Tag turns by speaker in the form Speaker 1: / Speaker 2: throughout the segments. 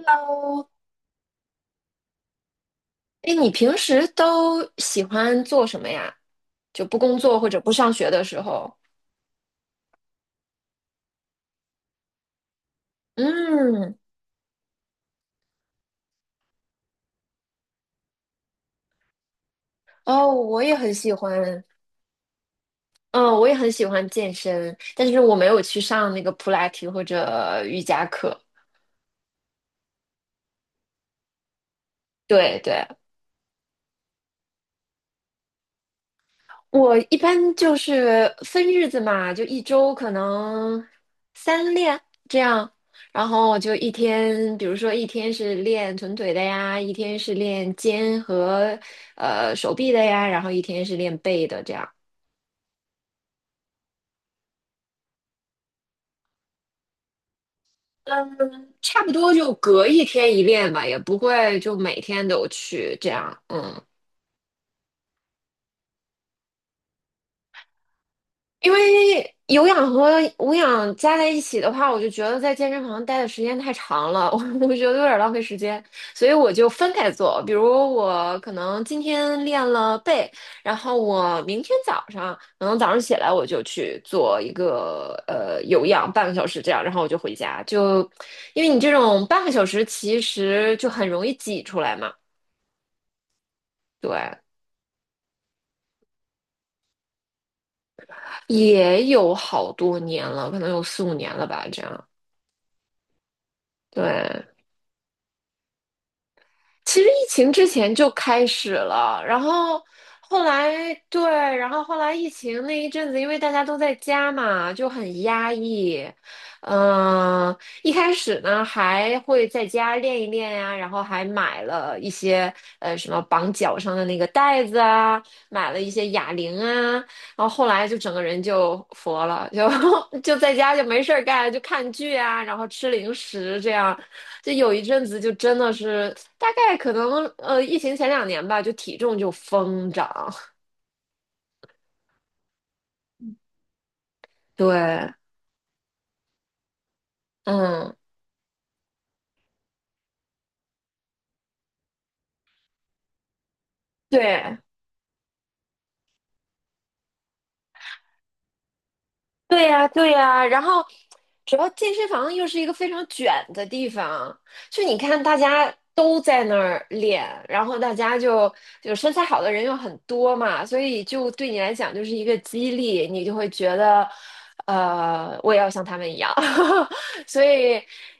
Speaker 1: 哦，哎，你平时都喜欢做什么呀？就不工作或者不上学的时候？嗯，哦，我也很喜欢，嗯，我也很喜欢健身，但是我没有去上那个普拉提或者瑜伽课。对对，我一般就是分日子嘛，就一周可能三练这样，然后我就一天，比如说一天是练臀腿的呀，一天是练肩和手臂的呀，然后一天是练背的这样。嗯，差不多就隔一天一练吧，也不会就每天都去这样。嗯因为有氧和无氧加在一起的话，我就觉得在健身房待的时间太长了，我觉得有点浪费时间，所以我就分开做。比如我可能今天练了背，然后我明天早上可能早上起来我就去做一个有氧半个小时这样，然后我就回家。就因为你这种半个小时其实就很容易挤出来嘛，对，也有好多年了，可能有4、5年了吧，这样，对。其实疫情之前就开始了，然后后来对，然后后来疫情那一阵子，因为大家都在家嘛，就很压抑。嗯，一开始呢还会在家练一练呀、然后还买了一些什么绑脚上的那个带子啊，买了一些哑铃啊，然后后来就整个人就佛了，就在家就没事儿干，就看剧啊，然后吃零食这样。就有一阵子就真的是，大概可能疫情前2年吧，就体重就疯涨。对，嗯，对，对呀，对呀，然后主要健身房又是一个非常卷的地方，就你看大家都在那儿练，然后大家就身材好的人又很多嘛，所以就对你来讲就是一个激励，你就会觉得，我也要像他们一样，所以，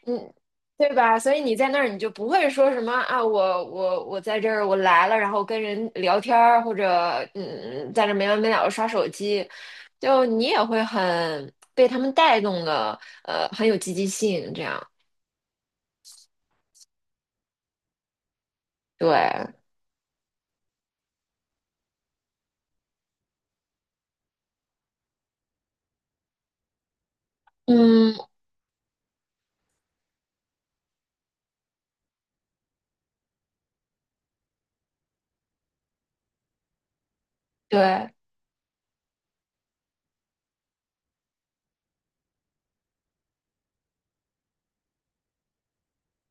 Speaker 1: 嗯，对吧？所以你在那儿你就不会说什么啊，我在这儿我来了，然后跟人聊天儿或者在这儿没完没了的刷手机。就你也会很被他们带动的，很有积极性，这样。对，嗯，对，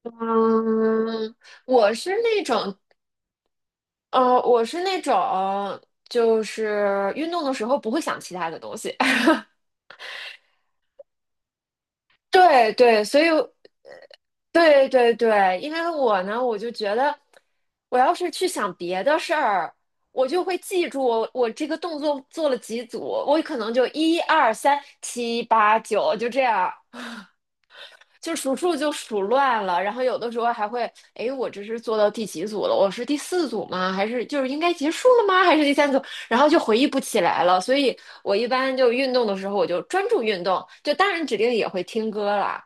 Speaker 1: 嗯，我是那种，我是那种，就是运动的时候不会想其他的东西。对对，所以对对对，因为我呢，我就觉得，我要是去想别的事儿，我就会记住我这个动作做了几组，我可能就1、2、3、7、8、9就这样，就数数就数乱了，然后有的时候还会，哎，我这是做到第几组了？我是第四组吗？还是就是应该结束了吗？还是第三组？然后就回忆不起来了。所以我一般就运动的时候，我就专注运动，就当然指定也会听歌啦，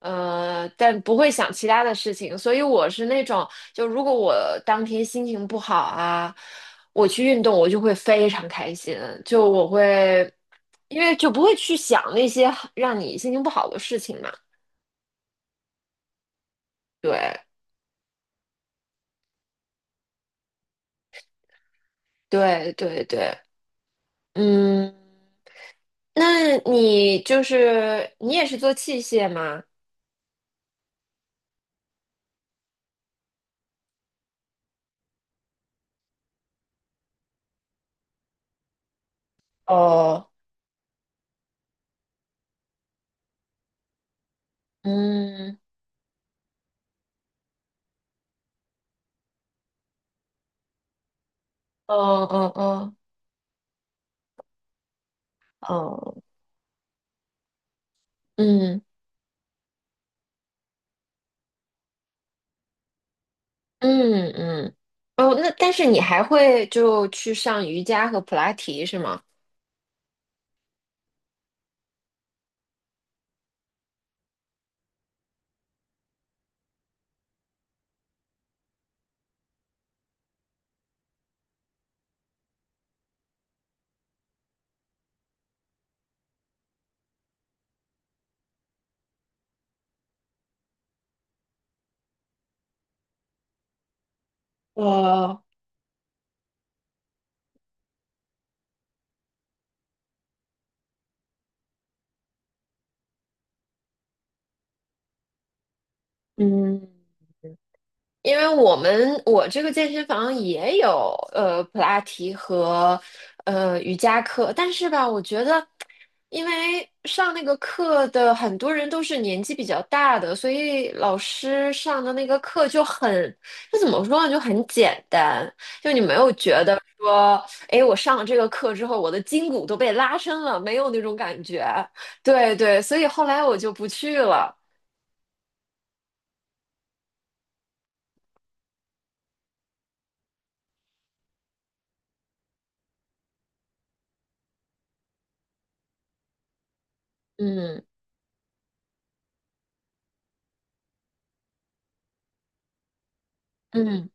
Speaker 1: 但不会想其他的事情。所以我是那种，就如果我当天心情不好啊，我去运动，我就会非常开心，就我会，因为就不会去想那些让你心情不好的事情嘛。对，对对对，嗯，那你就是你也是做器械吗？哦，嗯，哦哦哦哦，嗯嗯嗯，哦，那但是你还会就去上瑜伽和普拉提是吗？哦，嗯。因为我这个健身房也有普拉提和瑜伽课，但是吧，我觉得，因为上那个课的很多人都是年纪比较大的，所以老师上的那个课就很，就怎么说呢，就很简单，就你没有觉得说，哎，我上了这个课之后，我的筋骨都被拉伸了，没有那种感觉。对对，所以后来我就不去了。嗯嗯，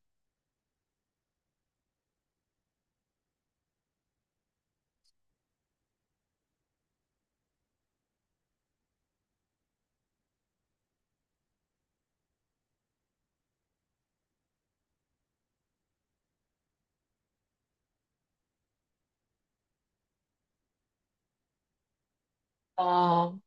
Speaker 1: 哦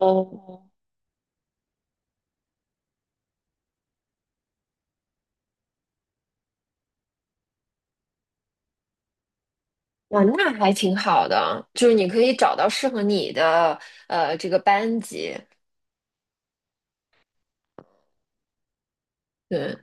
Speaker 1: 哦。哇，那还挺好的，就是你可以找到适合你的这个班级。对，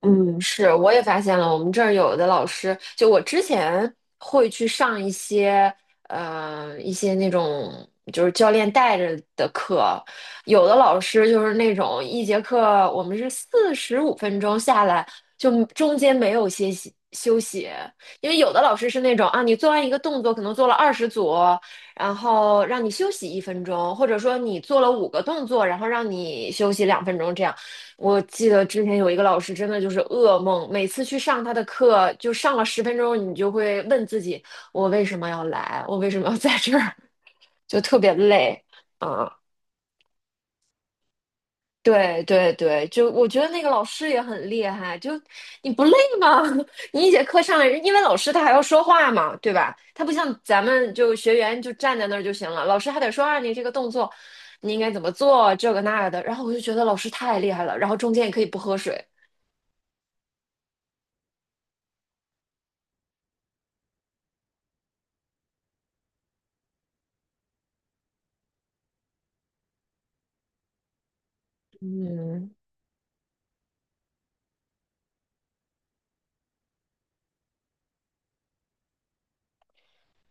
Speaker 1: 嗯，是，我也发现了，我们这儿有的老师，就我之前会去上一些，一些那种就是教练带着的课，有的老师就是那种一节课我们是45分钟下来，就中间没有休息，因为有的老师是那种啊，你做完一个动作可能做了20组，然后让你休息1分钟，或者说你做了五个动作，然后让你休息2分钟这样。我记得之前有一个老师，真的就是噩梦，每次去上他的课，就上了10分钟，你就会问自己，我为什么要来？我为什么要在这儿？就特别累。啊，对对对，就我觉得那个老师也很厉害，就你不累吗？你一节课上来，因为老师他还要说话嘛，对吧？他不像咱们就学员就站在那儿就行了，老师还得说啊，你这个动作你应该怎么做，这个那个的。然后我就觉得老师太厉害了，然后中间也可以不喝水。嗯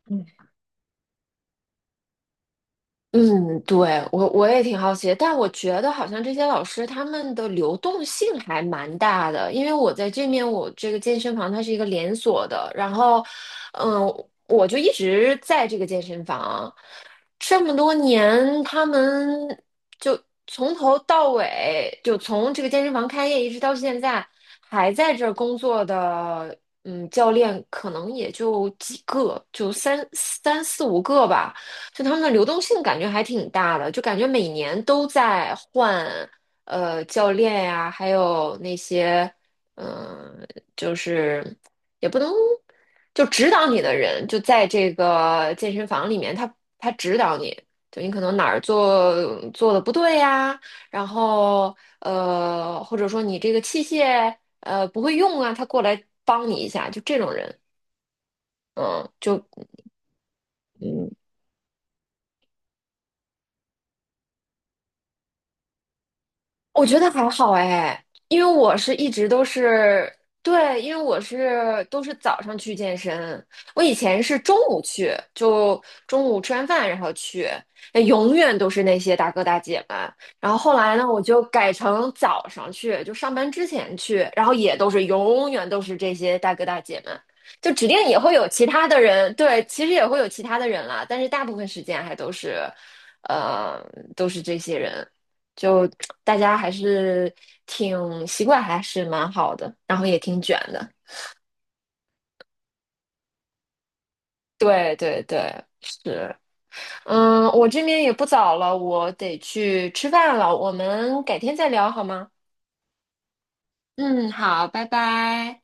Speaker 1: 嗯。嗯，对，我也挺好奇的但我觉得好像这些老师他们的流动性还蛮大的，因为我在这面我这个健身房它是一个连锁的，然后，嗯，我就一直在这个健身房，这么多年，他们就从头到尾，就从这个健身房开业一直到现在，还在这儿工作的，嗯，教练可能也就几个，就三四五个吧。就他们的流动性感觉还挺大的，就感觉每年都在换，教练呀、还有那些，嗯、就是。也不能就指导你的人就在这个健身房里面，他指导你，就你可能哪儿做的不对呀，然后或者说你这个器械不会用啊，他过来帮你一下，就这种人，嗯，就嗯我觉得还好哎，因为我是一直都是，对，因为我是都是早上去健身，我以前是中午去，就中午吃完饭然后去，那永远都是那些大哥大姐们。然后后来呢，我就改成早上去，就上班之前去，然后也都是永远都是这些大哥大姐们，就指定也会有其他的人，对，其实也会有其他的人啦，但是大部分时间还都是，呃，都是这些人。就大家还是挺习惯，还是蛮好的，然后也挺卷的。对对对，是，嗯，我这边也不早了，我得去吃饭了，我们改天再聊好吗？嗯，好，拜拜。